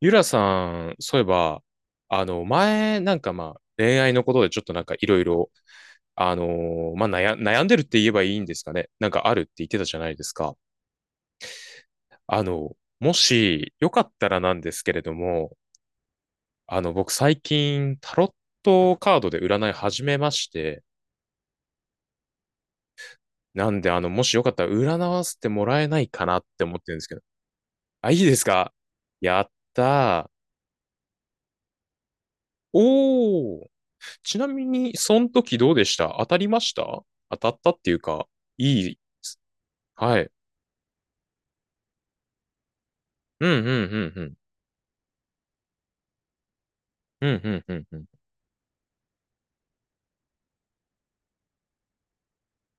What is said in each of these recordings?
ゆらさん、そういえば、前、なんかまあ、恋愛のことでちょっとなんかいろいろ、まあ悩んでるって言えばいいんですかね。なんかあるって言ってたじゃないですか。もし、よかったらなんですけれども、僕最近、タロットカードで占い始めまして、なんで、もしよかったら占わせてもらえないかなって思ってるんですけど。あ、いいですか？やったー。おー。ちなみに、その時どうでした？当たりました？当たったっていうか、いい。はい。うんうんうんうん。うんうんうんうん。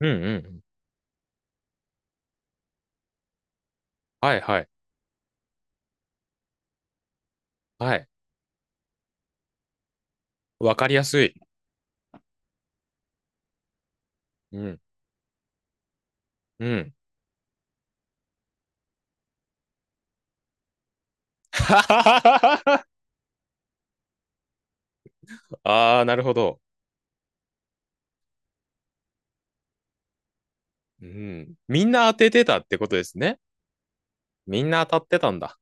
うんうんうん。はいはい。はい。わかりやすい。うん。うん。ああ、なるほど。うん。みんな当ててたってことですね。みんな当たってたんだ。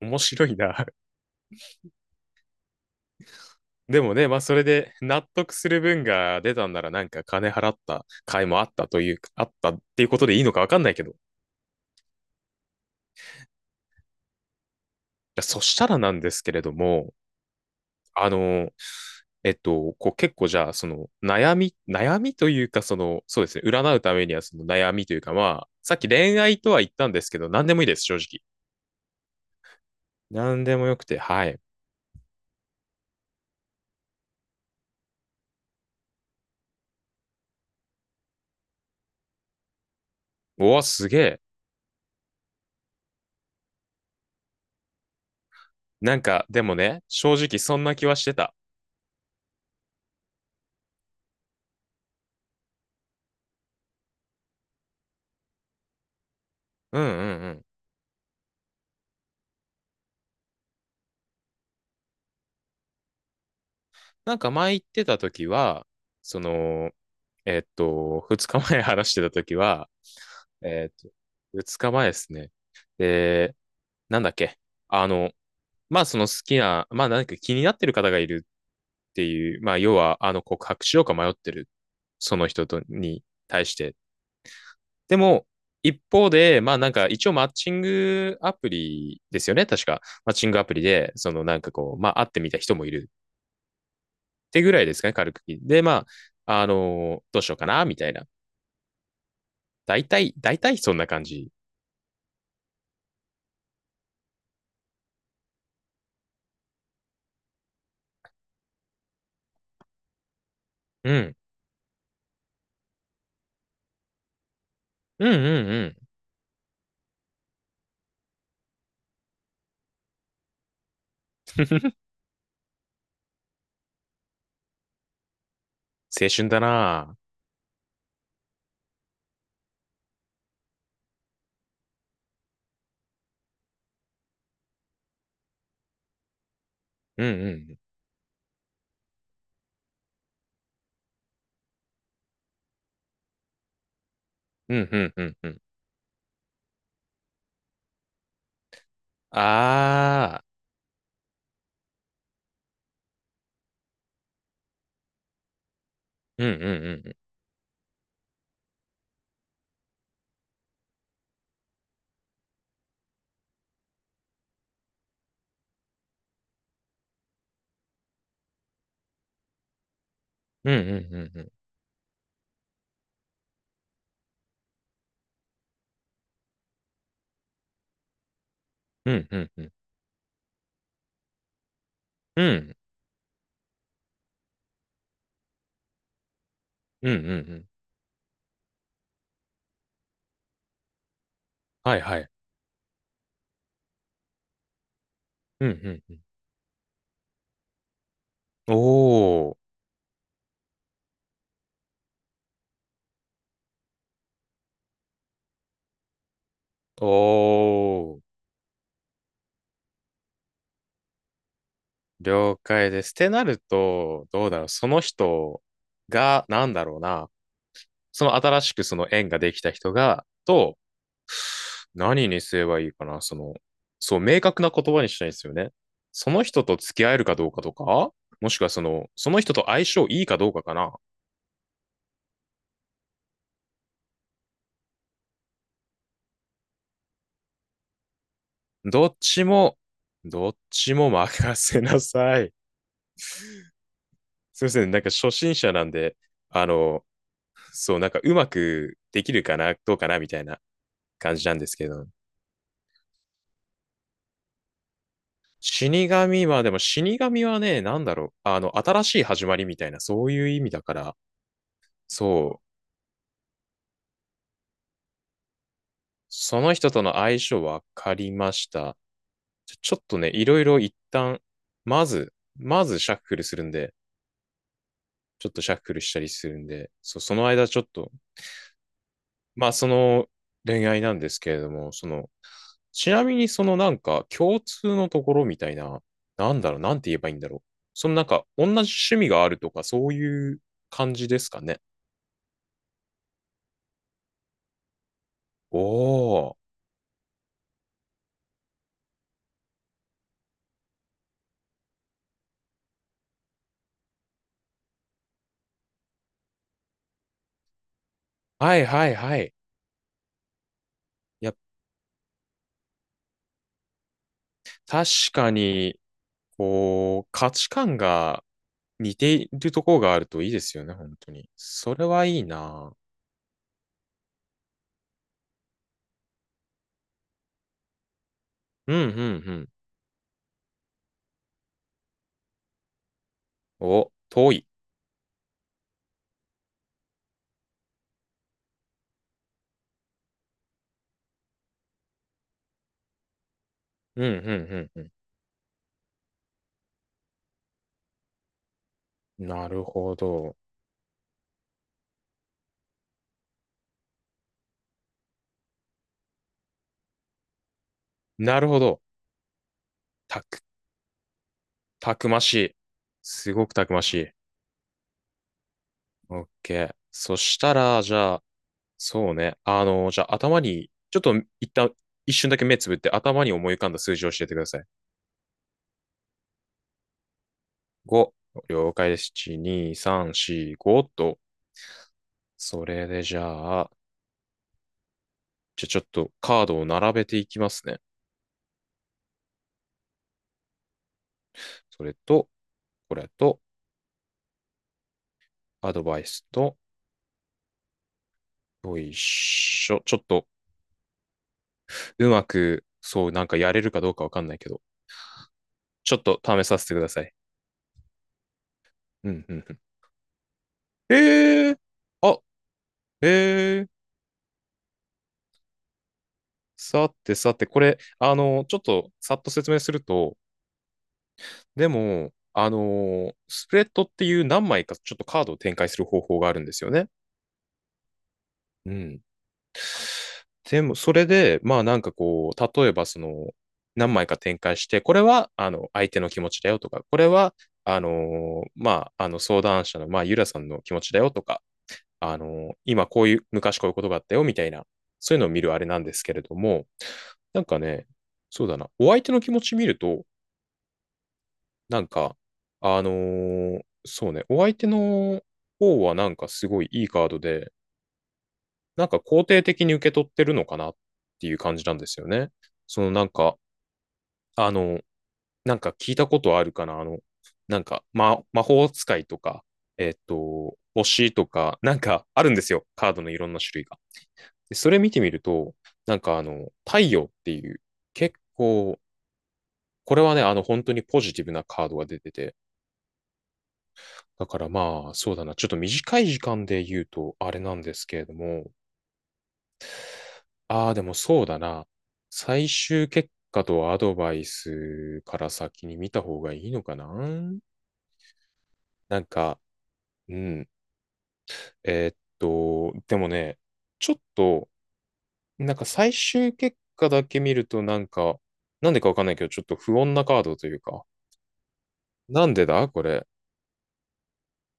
面白いな。でもね、まあそれで納得する分が出たんならなんか金払った回もあったという、あったっていうことでいいのかわかんないけど。いやそしたらなんですけれども、あの、こう結構じゃあ、その悩み、悩みというか、その、そうですね、占うためにはその悩みというか、まあ、さっき恋愛とは言ったんですけど、何でもいいです、正直。何でもよくて、はい。おわ、すげえ。なんか、でもね、正直そんな気はしてた。うんうんうん。なんか前言ってた時は、その、二日前話してた時は、えっと、二日前ですね。で、なんだっけ。あの、まあその好きな、まあ何か気になってる方がいるっていう、まあ、要は、告白しようか迷ってる、その人とに対して。でも、一方で、まあなんか一応マッチングアプリですよね、確か。マッチングアプリで、そのなんかこう、まあ会ってみた人もいるってぐらいですかね、軽く。で、まあ、どうしようかな、みたいな。大体、大体そんな感じ。うん。うんうんうん。青春だな。うんうん。うんうんうんうん。ああ。うんうんうん。うんうんうんうん。うんうんうん。うんうんうんうん。はいはい。うんうんうん。おー、おー、了解です。ってなると、どうだろう。その人が、なんだろうな。その新しくその縁ができた人が、と、何にすればいいかな。その、そう、明確な言葉にしたいんですよね。その人と付き合えるかどうかとか、もしくはその、その人と相性いいかどうかかな。どっちも、どっちも任せなさい。すいません。なんか初心者なんで、あの、そう、なんかうまくできるかな、どうかな、みたいな感じなんですけど。死神は、でも死神はね、なんだろう、新しい始まりみたいな、そういう意味だから、そう、その人との相性分かりました。ちょっとね、いろいろ一旦、まずシャッフルするんで、ちょっとシャッフルしたりするんで、そう、その間ちょっと、まあその恋愛なんですけれども、そのちなみにそのなんか共通のところみたいな、なんだろう、なんて言えばいいんだろう。そのなんか同じ趣味があるとかそういう感じですかね。おー。はいはいはい。いや、確かに、こう、価値観が似ているところがあるといいですよね、本当に。それはいいな。うんうんうん。お、遠い。うんうんうんうん。なるほど。なるほど。たく、たくましい。すごくたくましい。オッケーそしたら、じゃあ、そうね。じゃあ頭に、ちょっと一旦、一瞬だけ目つぶって頭に思い浮かんだ数字を教えてください。5。了解です。1、2、3、4、5と。それでじゃあ、じゃあちょっとカードを並べていきますね。それと、これと、アドバイスと、よいしょ。ちょっと、うまく、そう、なんかやれるかどうかわかんないけど、ちょっと試させてください。うん、うん、うん。えー、あ、えー、さてさて、これ、ちょっとさっと説明すると、でも、スプレッドっていう何枚かちょっとカードを展開する方法があるんですよね。うん。でも、それで、まあなんかこう、例えばその、何枚か展開して、これは、相手の気持ちだよとか、これは、相談者の、まあ、ゆらさんの気持ちだよとか、今こういう、昔こういうことがあったよ、みたいな、そういうのを見るあれなんですけれども、なんかね、そうだな、お相手の気持ち見ると、なんか、そうね、お相手の方はなんかすごいいいカードで、なんか肯定的に受け取ってるのかなっていう感じなんですよね。そのなんか、あの、なんか聞いたことあるかな、なんか、魔法使いとか、星とか、なんかあるんですよ、カードのいろんな種類が。でそれ見てみると、なんか太陽っていう、結構、これはね、本当にポジティブなカードが出てて、だからまあ、そうだな、ちょっと短い時間で言うと、あれなんですけれども、ああ、でもそうだな、最終結果とアドバイスから先に見た方がいいのかな？なんか、うん、でもね、ちょっと、なんか最終結果だけ見ると、なんか、なんでかわかんないけど、ちょっと不穏なカードというか、なんでだこれ。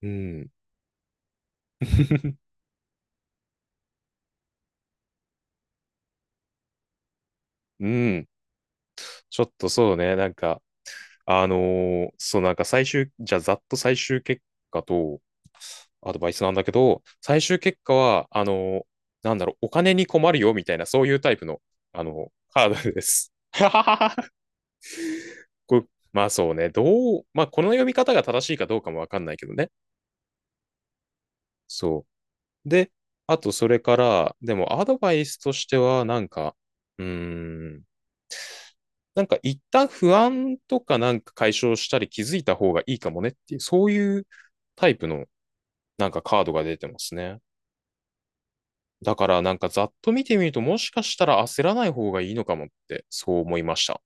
うん。うん。ちょっとそうね。なんか、そう、なんか最終、じゃあざっと最終結果とアドバイスなんだけど、最終結果は、ーなんだろう、お金に困るよみたいな、そういうタイプの、あのカードです。ははははこうまあそうね。どう、まあこの読み方が正しいかどうかもわかんないけどね。そう。で、あとそれから、でもアドバイスとしては、なんか、うーん、なんか一旦不安とかなんか解消したり気づいた方がいいかもねっていう、そういうタイプのなんかカードが出てますね。だからなんかざっと見てみるともしかしたら焦らない方がいいのかもってそう思いました。